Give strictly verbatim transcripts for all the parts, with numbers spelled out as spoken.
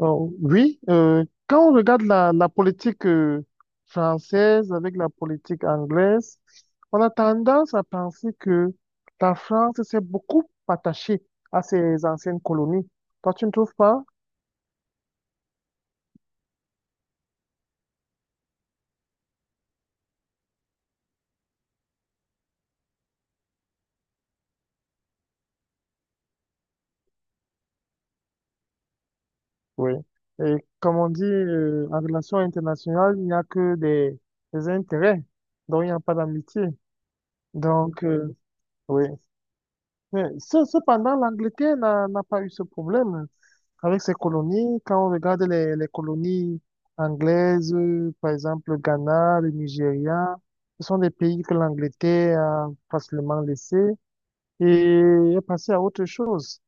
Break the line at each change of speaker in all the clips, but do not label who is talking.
Oh, oui, euh, Quand on regarde la, la politique euh, française avec la politique anglaise, on a tendance à penser que la France s'est beaucoup attachée à ses anciennes colonies. Toi, tu ne trouves pas? Oui. Et comme on dit, euh, en relation internationale, il n'y a que des, des intérêts, donc il n'y a pas d'amitié. Donc, euh, Oui. Mais ce- cependant, l'Angleterre n'a n'a pas eu ce problème, hein, avec ses colonies. Quand on regarde les, les colonies anglaises, euh, par exemple le Ghana, le Nigeria, ce sont des pays que l'Angleterre a facilement laissés et est passée à autre chose.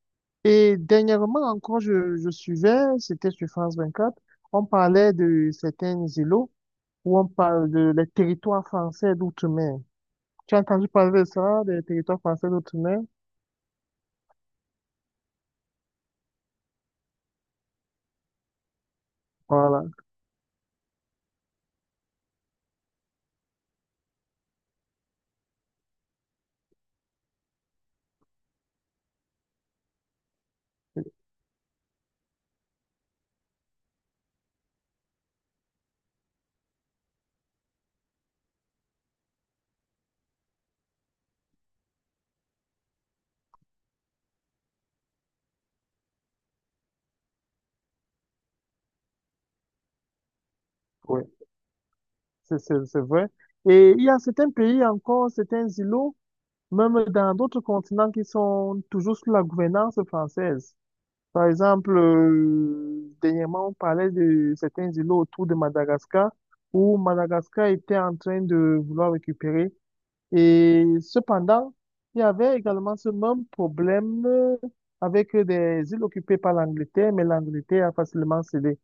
Et dernièrement encore, je, je suivais, c'était sur France vingt-quatre. On parlait de certains îlots où on parle de les territoires français d'outre-mer. Tu as entendu parler de ça, des territoires français d'outre-mer? Voilà. C'est c'est- c'est vrai. Et il y a certains pays encore, certains îlots, même dans d'autres continents qui sont toujours sous la gouvernance française. Par exemple, euh, dernièrement, on parlait de certains îlots autour de Madagascar, où Madagascar était en train de vouloir récupérer. Et cependant, il y avait également ce même problème euh, avec des îles occupées par l'Angleterre, mais l'Angleterre a facilement cédé.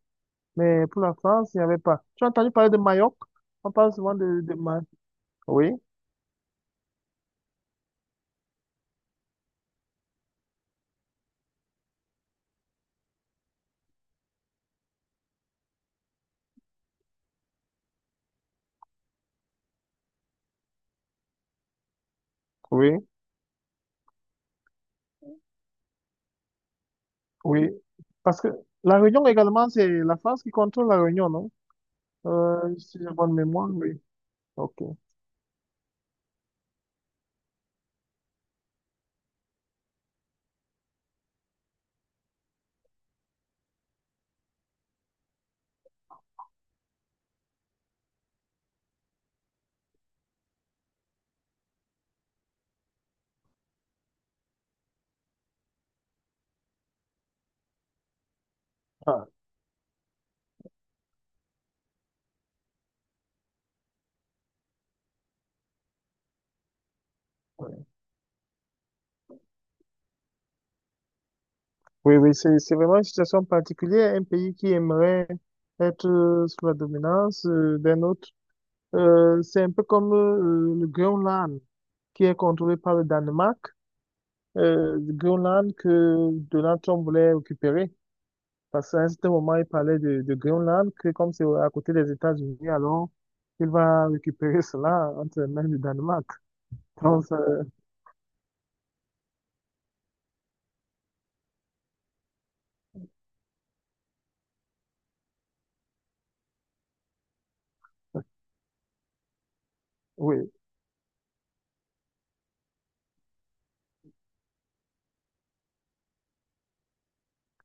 Mais pour la France, il n'y avait pas. Tu as entendu parler de Mayotte? On parle souvent de, de, Ma- oui, oui, oui. Parce que la Réunion également, c'est la France qui contrôle la Réunion, non? Euh, si j'ai bonne mémoire, oui. Ok. Ah, oui, oui, c'est, c'est vraiment une situation particulière. Un pays qui aimerait être euh, sous la dominance euh, d'un autre. Euh, c'est un peu comme euh, le Groenland, qui est contrôlé par le Danemark. Euh, le Groenland que Donald Trump voulait récupérer. Parce qu'à un certain moment, il parlait de, de Groenland, que comme c'est à côté des États-Unis, alors il va récupérer cela entre les mains du Danemark. Donc, ça- oui,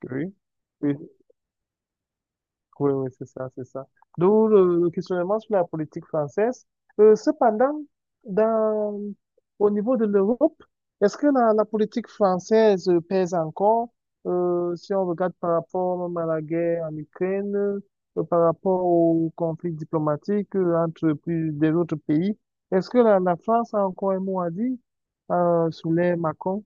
oui, oui. Oui, oui, c'est ça, c'est ça. D'où le, le questionnement sur la politique française. Euh, cependant, dans, au niveau de l'Europe, est-ce que la, la politique française euh, pèse encore, euh, si on regarde par rapport même à la guerre en Ukraine, euh, par rapport au conflit diplomatique euh, entre plus des autres pays, est-ce que la, la France a encore un mot à dire, euh, sous les Macron?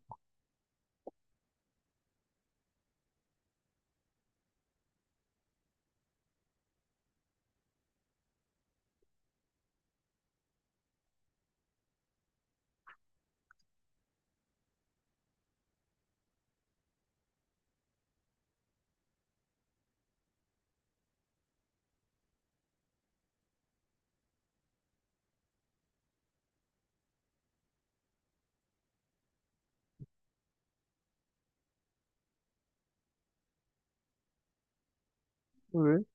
Oui,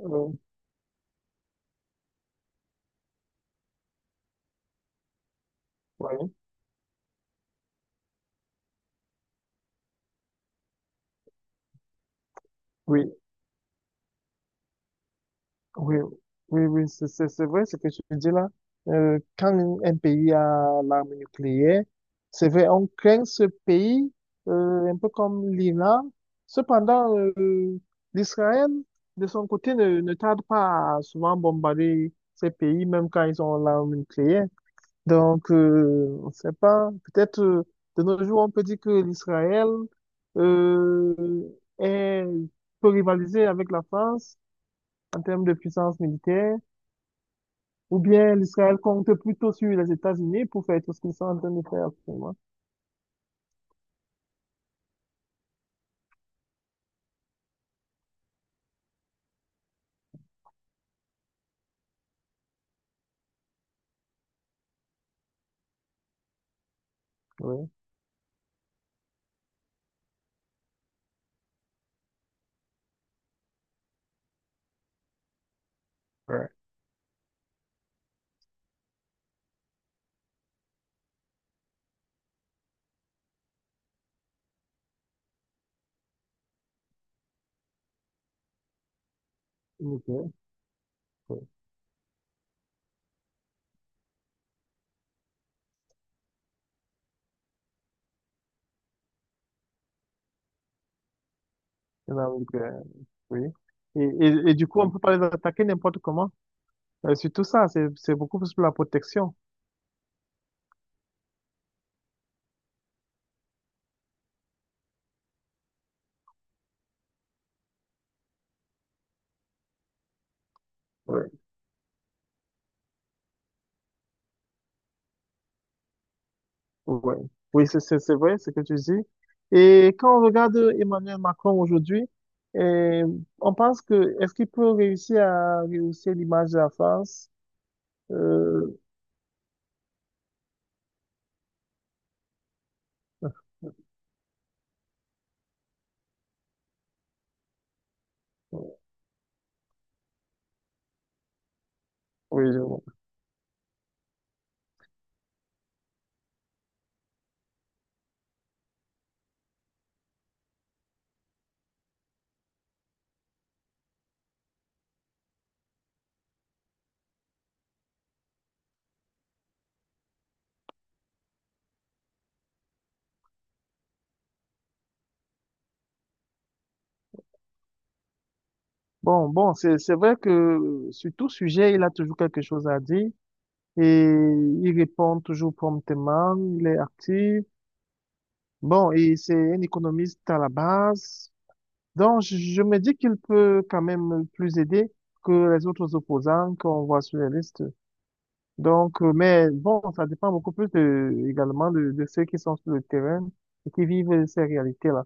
euh, oui, oui. Oui, oui, oui, c'est c'est- c'est vrai ce que tu dis là. Euh, quand un un pays a l'arme nucléaire, c'est vrai, on craint ce pays, euh, un peu comme l'Iran. Cependant, euh, l'Israël, de son côté, ne, ne tarde pas à souvent bombarder ces pays, même quand ils ont l'arme nucléaire. Donc, euh, on ne sait pas, peut-être euh, de nos jours, on peut dire que l'Israël euh, est, peut rivaliser avec la France en termes de puissance militaire, ou bien l'Israël compte plutôt sur les États-Unis pour faire tout ce qu'ils sont en train de faire actuellement. Oui, ouais, ok, ok. Donc, euh, oui. Et, et, et du coup, on peut pas les attaquer n'importe comment. Euh, surtout ça, c'est, c'est beaucoup plus pour la protection. Ouais. Ouais. Oui, c'est c'est- c'est vrai ce que tu dis. Et quand on regarde Emmanuel Macron aujourd'hui, eh, on pense que est-ce qu'il peut réussir à rehausser l'image de la France? Euh, oui, je vois. Bon, bon, c'est c'est vrai que sur tout sujet, il a toujours quelque chose à dire et il répond toujours promptement, il est actif. Bon, et c'est un économiste à la base. Donc, je, je me dis qu'il peut quand même plus aider que les autres opposants qu'on voit sur les listes. Donc, euh, mais bon, ça dépend beaucoup plus de, également de, de ceux qui sont sur le terrain et qui vivent ces réalités-là.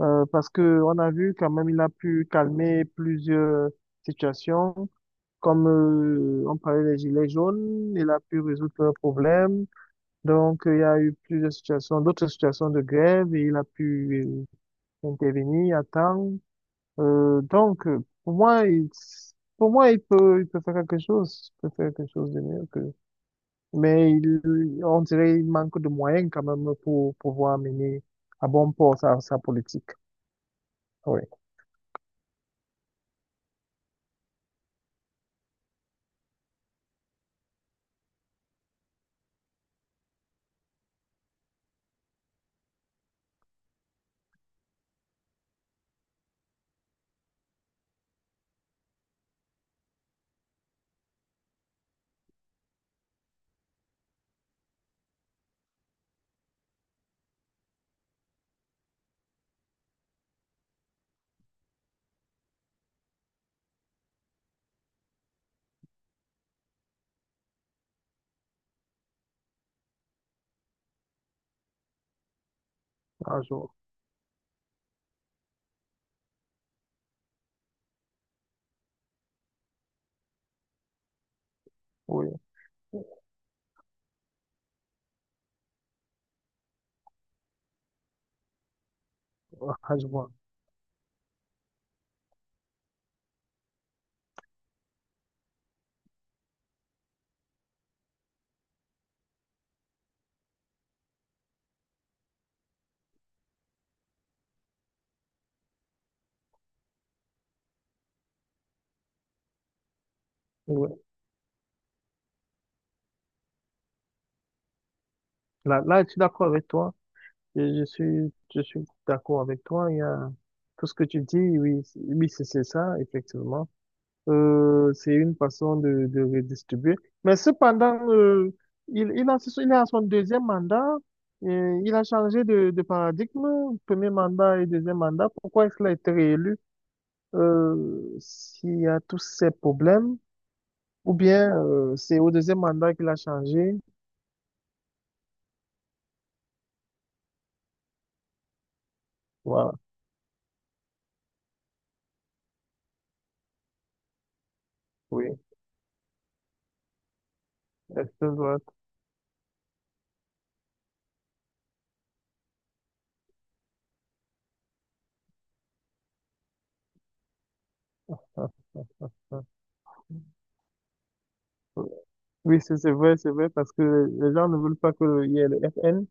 Euh, parce que on a vu quand même, il a pu calmer plusieurs situations, comme euh, on parlait des gilets jaunes, il a pu résoudre leurs problèmes. Donc, euh, il y a eu plusieurs situations, d'autres situations de grève et il a pu euh, intervenir à temps. Euh, donc, euh, pour moi, il, pour moi, il peut, il peut faire quelque chose, il peut faire quelque chose de mieux, mais il, on dirait qu'il manque de moyens quand même pour pouvoir mener à bon port sa, sa politique. Oui, un jour. Oui, ah, je vois. Oui. Là, là, je suis d'accord avec toi. Je, je suis, je suis d'accord avec toi. Il y a tout ce que tu dis. Oui, c'est- oui, c'est c'est ça, effectivement. Euh, c'est une façon de, de redistribuer. Mais cependant, euh, il, il a, il a son deuxième mandat. Et il a changé de, de paradigme, premier mandat et deuxième mandat. Pourquoi est-ce qu'il a été réélu? euh, s'il y a tous ces problèmes, ou bien euh, c'est au deuxième mandat qu'il a changé. Voilà, oui, extrême droite. Ah, ah, oui. Oui, c'est c'est vrai, c'est vrai, parce que les gens ne veulent pas que il y ait le F N,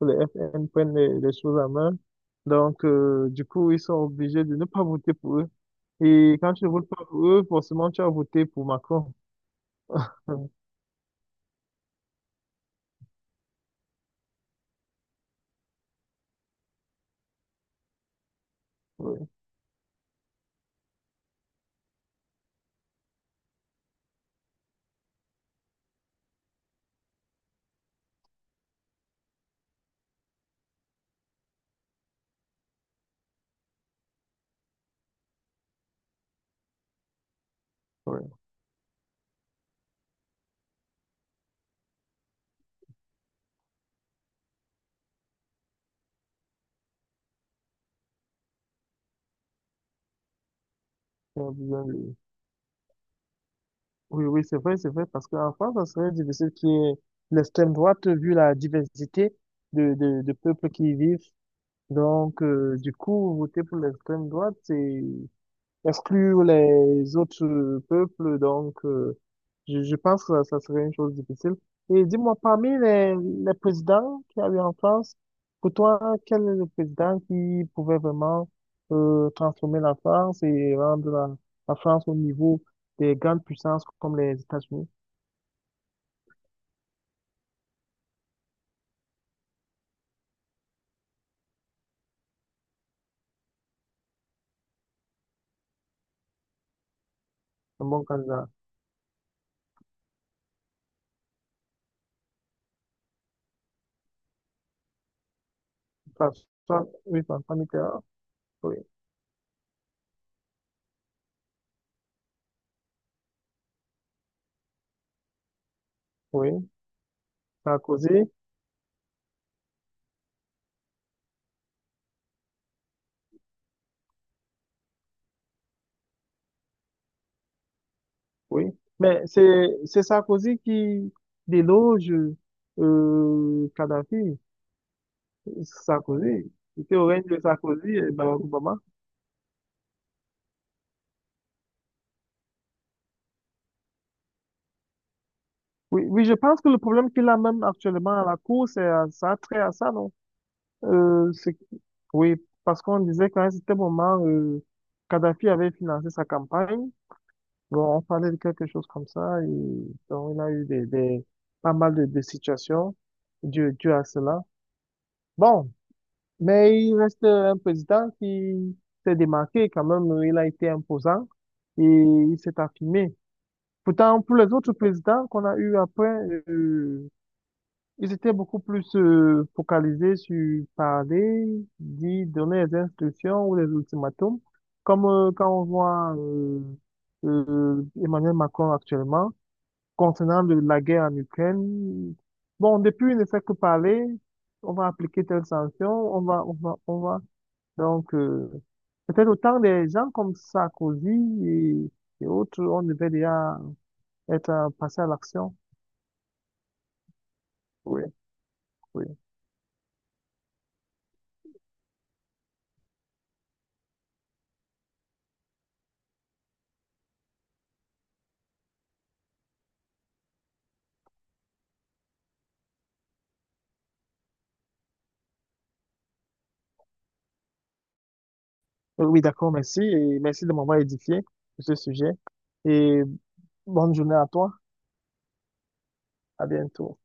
que le F N prenne les, les choses en main. Donc, euh, du coup, ils sont obligés de ne pas voter pour eux. Et quand tu ne votes pas pour eux, forcément, tu as voté pour Macron. Oui, oui. Oui, oui, c'est vrai, c'est vrai, parce qu'en France, ça serait difficile qu'il y ait l'extrême droite vu la diversité de, de, de peuples qui y vivent. Donc, euh, du coup, voter pour l'extrême droite, c'est exclure les autres euh, peuples. Donc, euh, je, je pense que ça serait une chose difficile. Et dis-moi, parmi les, les présidents qu'il y a eu en France, pour toi, quel est le président qui pouvait vraiment euh, transformer la France et rendre la, la France au niveau des grandes puissances comme les États-Unis? Un bon candidat. Enfin, soit, oui, François Mitterrand, oui, oui, Sarkozy, oui. Mais c'est, c'est Sarkozy qui déloge euh, Kadhafi, Sarkozy. C'était au règne de Sarkozy et Barack Obama. Oui, oui, je pense que le problème qu'il a même actuellement à la Cour, c'est à- ça a trait à ça, non? Euh, c'est, oui, parce qu'on disait qu'à un certain moment, euh, Kadhafi avait financé sa campagne. Bon, on parlait de quelque chose comme ça, et donc il a eu des, des, pas mal de, de situations dues, dues à cela. Bon, mais il reste un président qui s'est démarqué quand même, il a été imposant et il s'est affirmé. Pourtant, pour les autres présidents qu'on a eu après, euh, ils étaient beaucoup plus euh, focalisés sur parler, dire, donner des instructions ou des ultimatums, comme euh, quand on voit euh, euh, Emmanuel Macron actuellement. Concernant le- la guerre en Ukraine, bon, depuis, il ne fait que parler. On va appliquer telle sanction, on va, on va, on va. Donc, euh, peut-être autant des gens comme Sarkozy et, et autres, on devait déjà être euh, passé à l'action. Oui, oui. Euh, Oui, d'accord, merci. Et merci de m'avoir édifié sur ce sujet. Et bonne journée à toi. À bientôt.